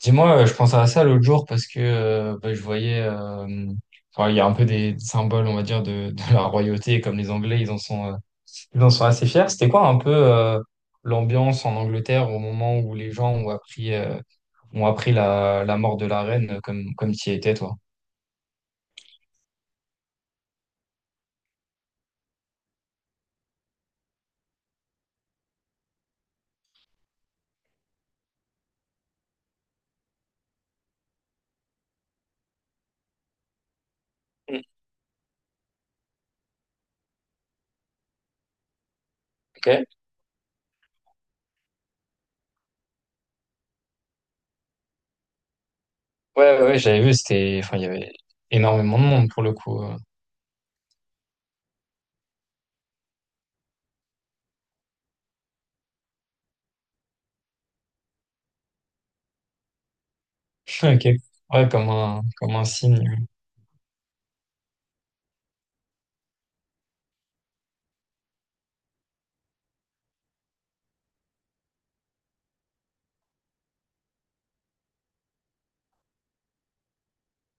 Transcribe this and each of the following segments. Dis-moi, je pensais à ça l'autre jour parce que bah, je voyais, enfin, il y a un peu des symboles, on va dire, de la royauté, comme les Anglais, ils en sont assez fiers. C'était quoi un peu l'ambiance en Angleterre au moment où les gens ont appris la mort de la reine, comme tu y étais, toi? Mm. Ok. Ouais, ouais, ouais, j'avais vu, c'était, enfin, il y avait énormément de monde pour le coup. Ok. Ouais, comme un signe.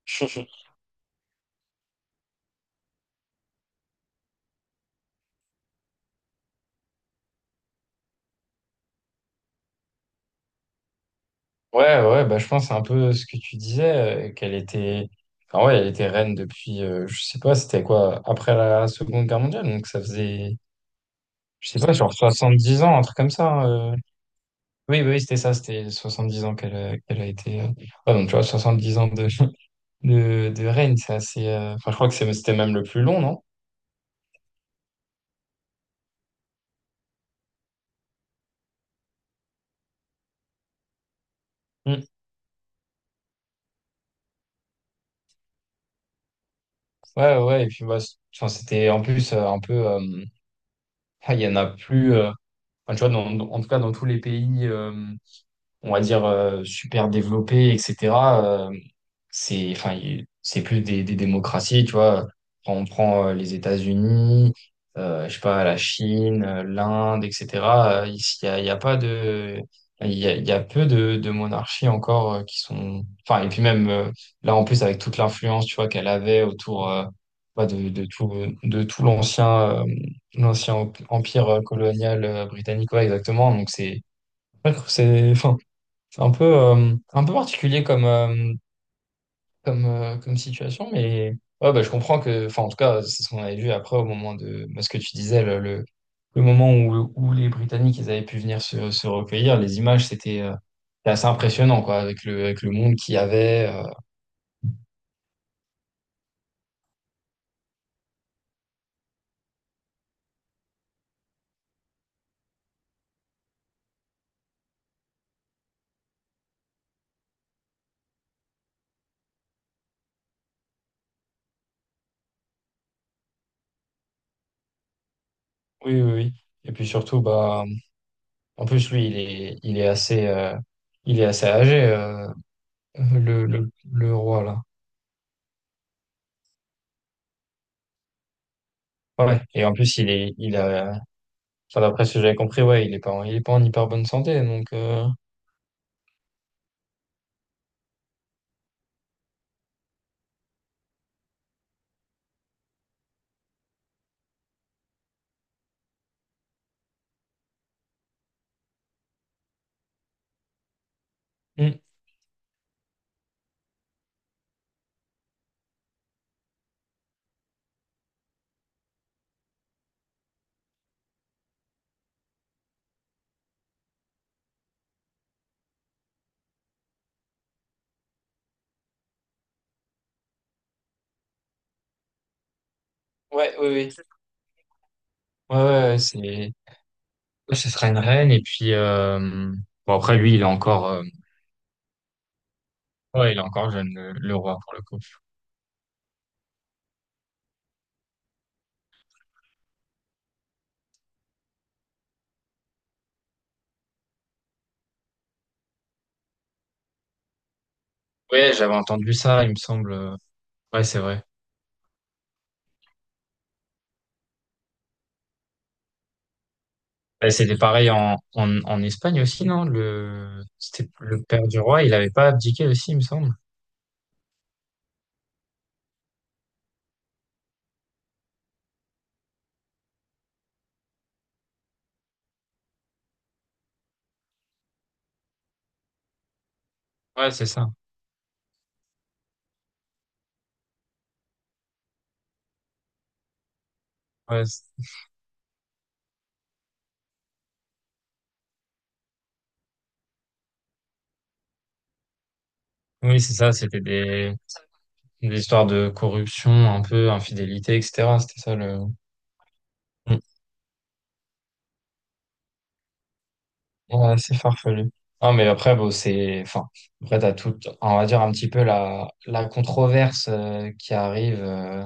Ouais, ouais, bah, je pense c'est un peu ce que tu disais, qu'elle était, enfin, ouais, elle était reine depuis, je sais pas, c'était quoi, après la Seconde Guerre mondiale, donc ça faisait, je sais pas, genre 70 ans, un truc comme ça, hein. Oui, oui, oui, c'était ça, c'était 70 ans qu'elle a été. Ouais, donc tu vois, 70 ans de, de reine, c'est assez. Enfin, je crois que c'était même le plus long, non? Mm. Ouais, ouais, et puis bah, enfin, c'était en plus un peu. Il y en a plus. Enfin, tu vois, en tout cas, dans tous les pays. On va dire, super développées, etc., euh, c'est, enfin, c'est plus des démocraties, tu vois. Quand on prend les États-Unis, je sais pas, la Chine, l'Inde, etc., ici, il y a pas de... Il y a peu de monarchies encore qui sont... Enfin, et puis même, là, en plus, avec toute l'influence, tu vois, qu'elle avait autour... bah, de tout l'ancien empire colonial britannique, ouais, exactement. Donc, enfin, c'est un peu particulier comme situation, mais ouais, bah, je comprends que, enfin, en tout cas, c'est ce qu'on avait vu après au moment de bah, ce que tu disais, le moment où les Britanniques ils avaient pu venir se recueillir. Les images, c'était assez impressionnant, quoi, avec le monde qu'il y avait. Oui, oui, oui. Et puis surtout, bah, en plus, lui, il est assez âgé, le roi, là. Ouais. Et en plus, il est, il a, Enfin, d'après ce que j'avais compris, ouais, il est pas en hyper bonne santé, donc hmm. Ouais, oui, oui. Ouais, ouais, ouais, c'est, ouais, ce sera une reine et puis bon, après, lui, il est encore ouais, il est encore jeune, le roi pour le coup. Ouais, j'avais entendu ça, il me semble. Ouais, c'est vrai. Ouais, c'était pareil en, en Espagne aussi, non? Le C'était le père du roi, il avait pas abdiqué aussi, il me semble. Ouais, c'est ça. Ouais, oui, c'est ça, c'était des histoires de corruption, un peu infidélité, etc. C'était ça le. Ouais, c'est farfelu. Non, mais après, bon, c'est, enfin, après, t'as tout, on va dire un petit peu la controverse qui arrive,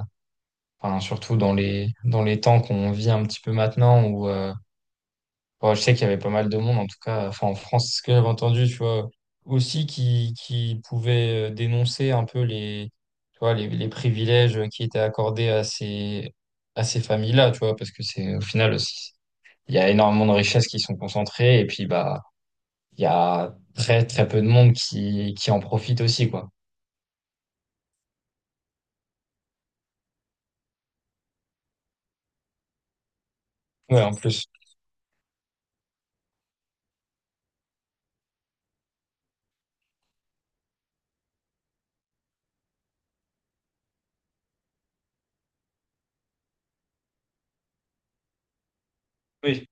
enfin, surtout dans les temps qu'on vit un petit peu maintenant où bon, je sais qu'il y avait pas mal de monde, en tout cas, enfin, en France, ce que j'avais entendu, tu vois, aussi qui pouvait dénoncer un peu les, tu vois, les privilèges qui étaient accordés à ces familles-là, tu vois, parce que c'est, au final, il y a énormément de richesses qui sont concentrées et puis, bah, il y a très très peu de monde qui en profite aussi, quoi. Ouais, en plus. Oui.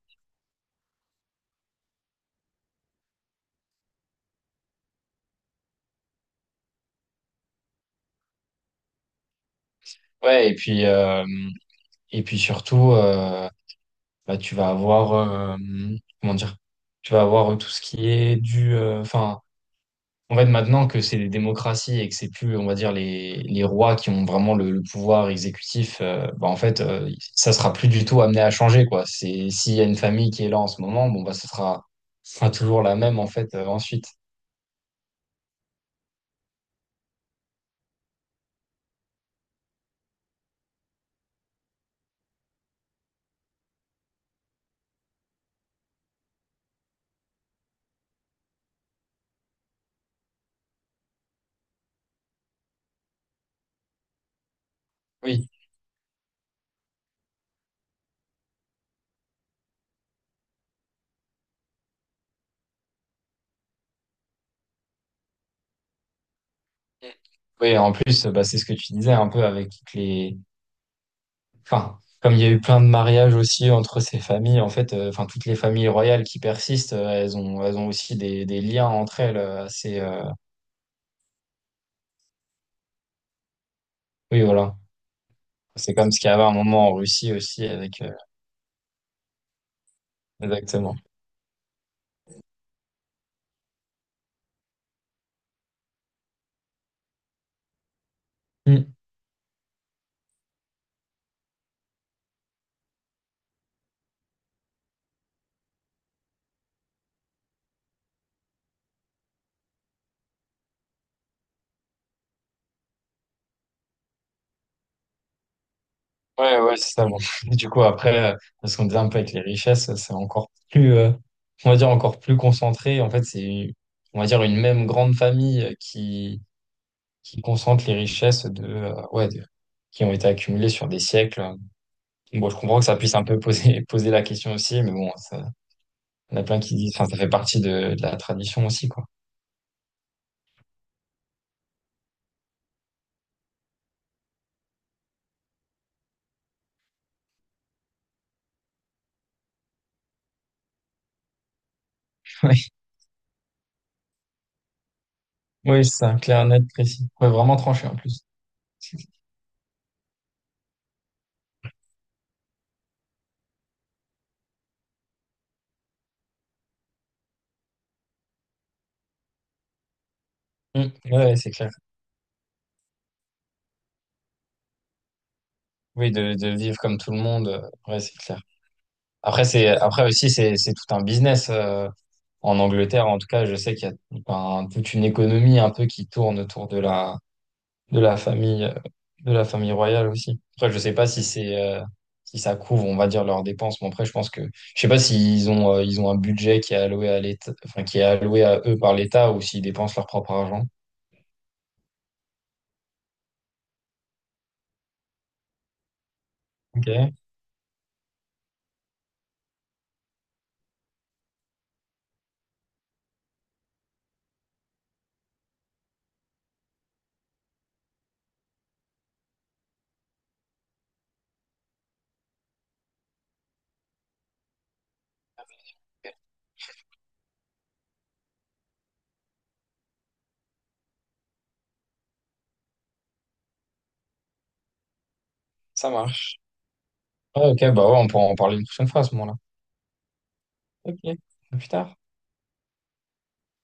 Ouais, et puis, et puis surtout, bah, tu vas avoir, comment dire, tu vas avoir tout ce qui est du, enfin, en fait, maintenant que c'est des démocraties et que c'est plus, on va dire, les rois qui ont vraiment le pouvoir exécutif, bah, en fait, ça sera plus du tout amené à changer, quoi. C'est, s'il y a une famille qui est là en ce moment, bon, bah, ça sera toujours la même, en fait, ensuite. Oui, oui, en plus, bah, c'est ce que tu disais un peu avec toutes les. Enfin, comme il y a eu plein de mariages aussi entre ces familles, en fait, enfin, toutes les familles royales qui persistent, elles ont aussi des liens entre elles assez. Oui, voilà. C'est comme ce qu'il y avait un moment en Russie aussi avec. Exactement. Mm. Ouais, ouais, c'est ça. Bon. Du coup, après, parce qu'on disait un peu avec les richesses, c'est encore plus. On va dire encore plus concentré. En fait, c'est, on va dire, une même grande famille qui concentre les richesses de, ouais, qui ont été accumulées sur des siècles. Bon, je comprends que ça puisse un peu poser, poser la question aussi, mais bon, ça, on a plein qui disent, enfin, ça fait partie de la tradition aussi, quoi. Oui, oui, c'est ça, clair, net, précis. Ouais, vraiment tranché en plus. Mm. Ouais, ouais, c'est clair. Oui, de vivre comme tout le monde, ouais, c'est clair. Après, c'est, après aussi, c'est tout un business. En Angleterre, en tout cas, je sais qu'il y a, enfin, toute une économie un peu qui tourne autour de la famille, euh, de la famille royale aussi. Après, je sais pas si ça couvre, on va dire, leurs dépenses, mais après, je pense que, je sais pas ils ont un budget qui est alloué à l'État, enfin, qui est alloué à eux par l'État ou s'ils dépensent leur propre argent. Ok, ça marche. Ah, ok, bah ouais, on pourra en parler une prochaine fois à ce moment-là. Ok, à plus tard.